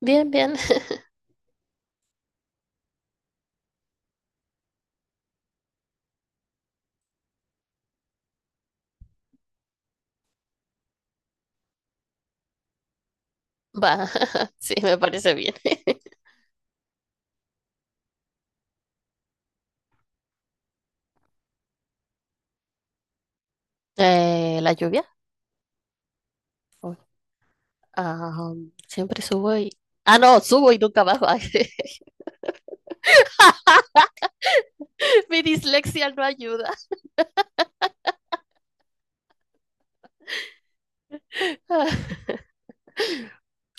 Bien, bien. Va, sí, me parece bien. La lluvia. Oh, ah, siempre subo y... Ah, no, subo y nunca bajo. Ay, mi dislexia no ayuda.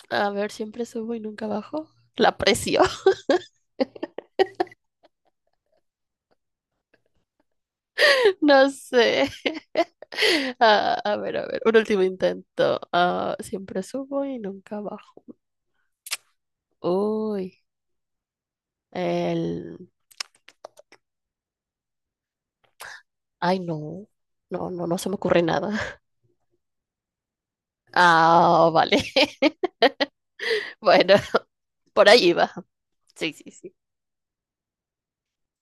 A ver, siempre subo y nunca bajo. La presión, no sé. Ah, a ver, un último intento. Ah, siempre subo y nunca bajo. Uy, el... Ay, no. No, no se me ocurre nada. Ah, vale. Bueno, por ahí va. Sí, sí, sí,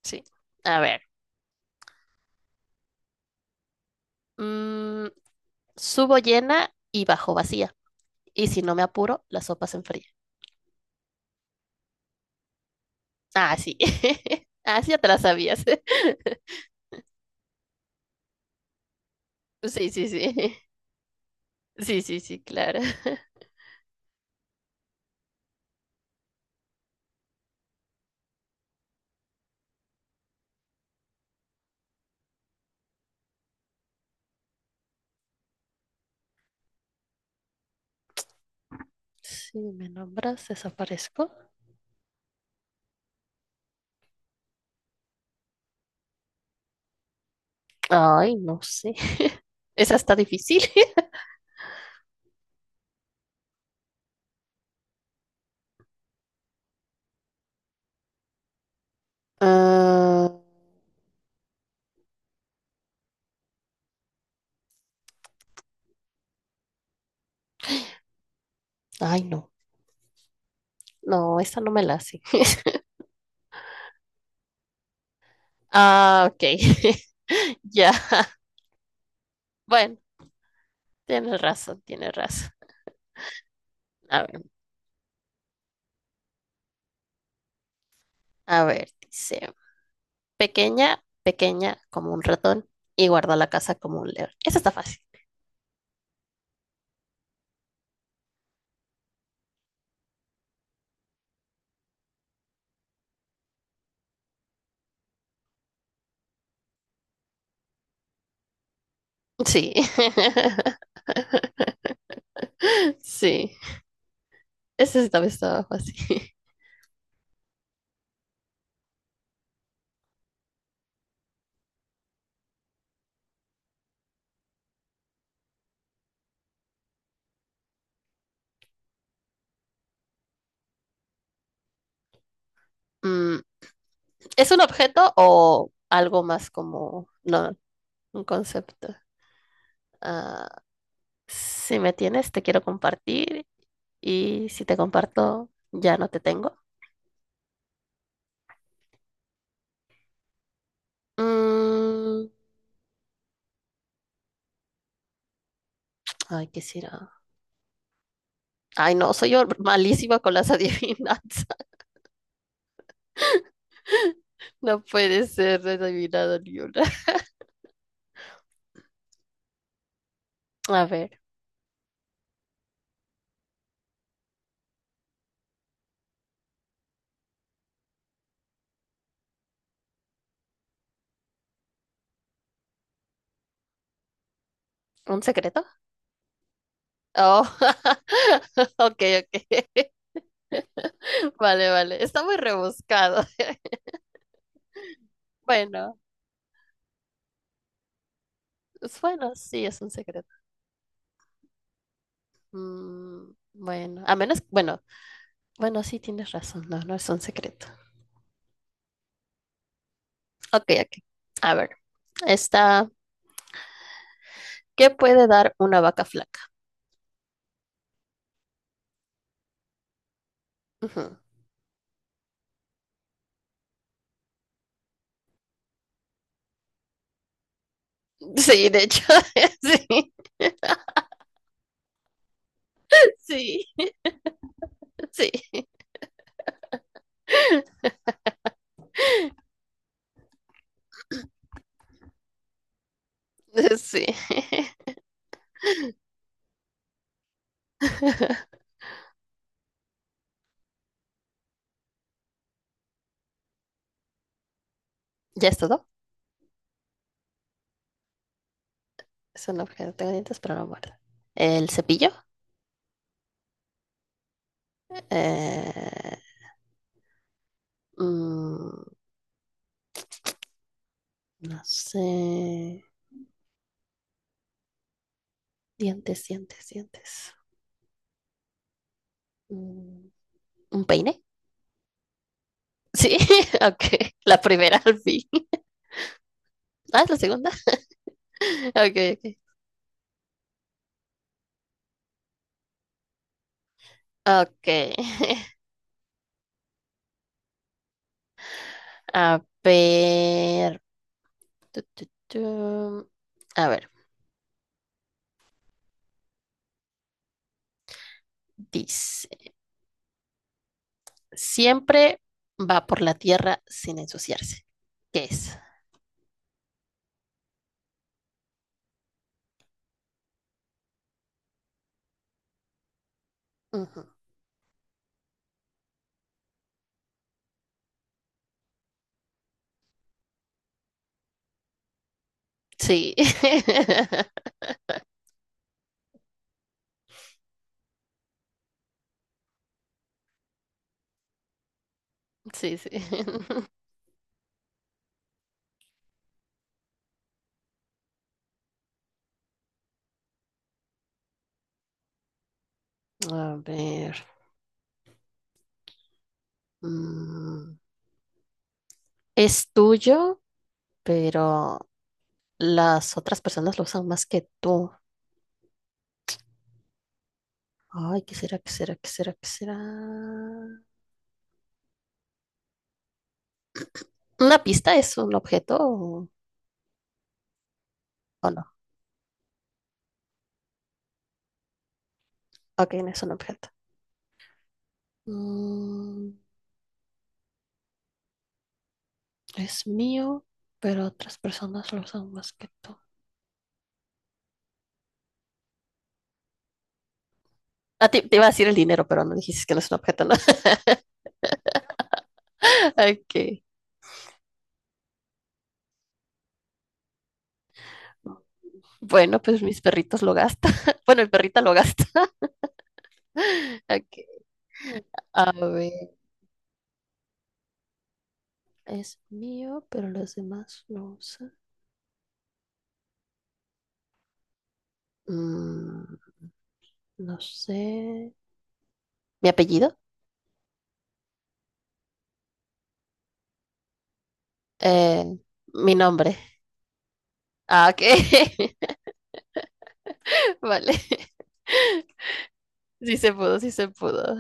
sí. A ver, mm, subo llena y bajo vacía. Y si no me apuro, la sopa se enfría. Ah, sí. Ah, sí, ya te la sabías. Sí, sí, sí. Sí, sí, sí, claro. Si me nombras, desaparezco. Ay, no sé. Esa está difícil. Ah, ay, no. No, esa no me la hace. Ah, ok. Ya. Bueno, tienes razón, tienes razón. A ver, a ver, dice. Pequeña, pequeña como un ratón y guarda la casa como un león. Esa está fácil. Sí. Sí. Esa sí también estaba fácil. Mm, ¿es un objeto o algo más como, no, un concepto? Ah, si me tienes, te quiero compartir y si te comparto, ya no te tengo. Mm, ay, ¿qué será? Ay, no, soy malísima con las adivinanzas. No puede ser adivinado ni una. A ver, ¿un secreto? Oh, ok, ok. Vale, vale. Está muy rebuscado. Bueno, bueno, sí, es un secreto. Mm, bueno, a menos, bueno, bueno, sí tienes razón, no, no es un secreto. Ok, ok. A ver, está, ¿qué puede dar una vaca flaca? Ujú. Sí, de hecho, sí, sí, sí, sí. ¿Ya es todo? Es un objeto, tengo dientes, pero no muerde. ¿El cepillo? Eh, mm, No sé. Dientes, dientes, dientes. Mm, ¿Un peine? Sí, ok. La primera al fin. Ah, es la segunda. Ok, ok. Ok. A ver. Tu, tu, tu. A ver, dice. Siempre va por la tierra sin ensuciarse. ¿Qué es? Ujú. Sí. Sí, sí. A ver. mm, Es tuyo, pero las otras personas lo usan más que tú. Ay, ¿qué será? ¿Qué será? ¿Qué será? ¿Qué será? ¿Una pista es un objeto o no? Ok, no es un objeto. Mm, es mío, pero otras personas lo usan más que tú. Ah, te iba a decir el dinero, pero no dijiste que no es un objeto, ¿no? Ok. Bueno, pues mis perritos lo gastan. Bueno, mi perrita lo gasta. Ok. A ver, es mío, pero los demás lo usan. Mm, no sé. Mi apellido, eh, mi nombre. Ah, ok. Vale. Sí se pudo, sí se pudo.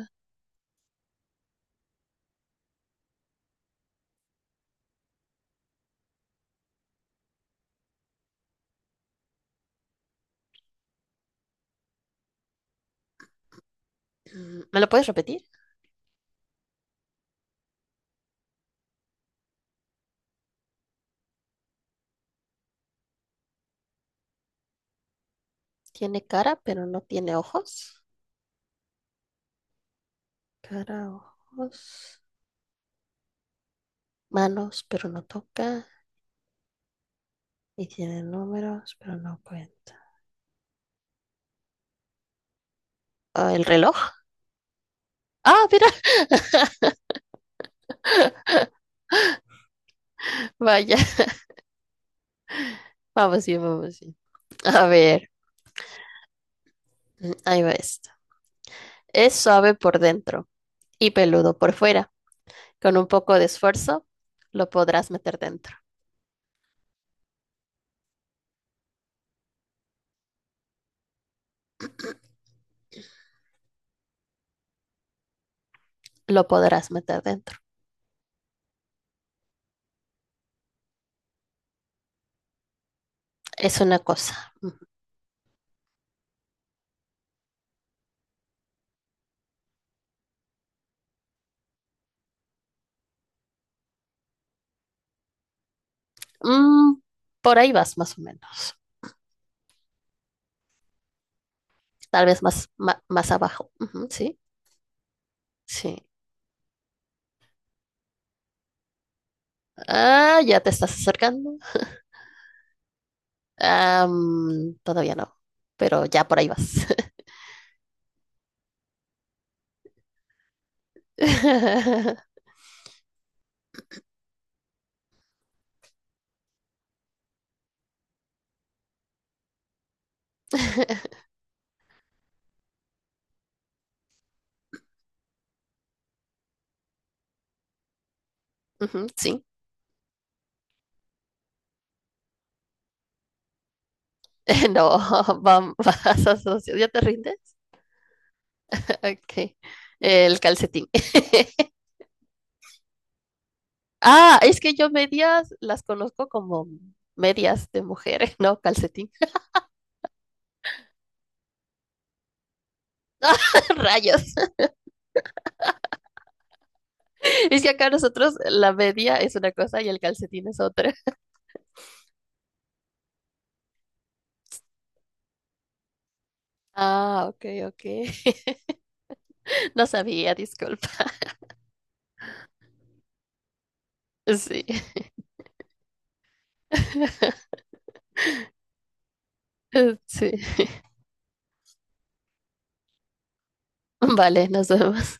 ¿Me lo puedes repetir? Tiene cara, pero no tiene ojos. Cara, ojos, manos, pero no toca. Y tiene números, pero no cuenta. Ah, ¿el reloj? Ah, mira, vaya. Vamos bien, vamos bien. A ver, ahí va esto. Es suave por dentro y peludo por fuera. Con un poco de esfuerzo, lo podrás meter dentro. Lo podrás meter dentro. Es una cosa. Mm, por ahí vas más o menos. Tal vez más, más, abajo. Ujú, sí, sí. Ah, ya te estás acercando. Ah, todavía no, pero ya por ahí vas. Ujú, sí. No, ¿ya te rindes? Ok. El calcetín. Ah, es que yo medias las conozco como medias de mujeres, no calcetín. Rayos. Es que acá nosotros la media es una cosa y el calcetín es otra. Ah, ok, ok. No sabía, disculpa. Sí. Sí. Vale, nos vemos.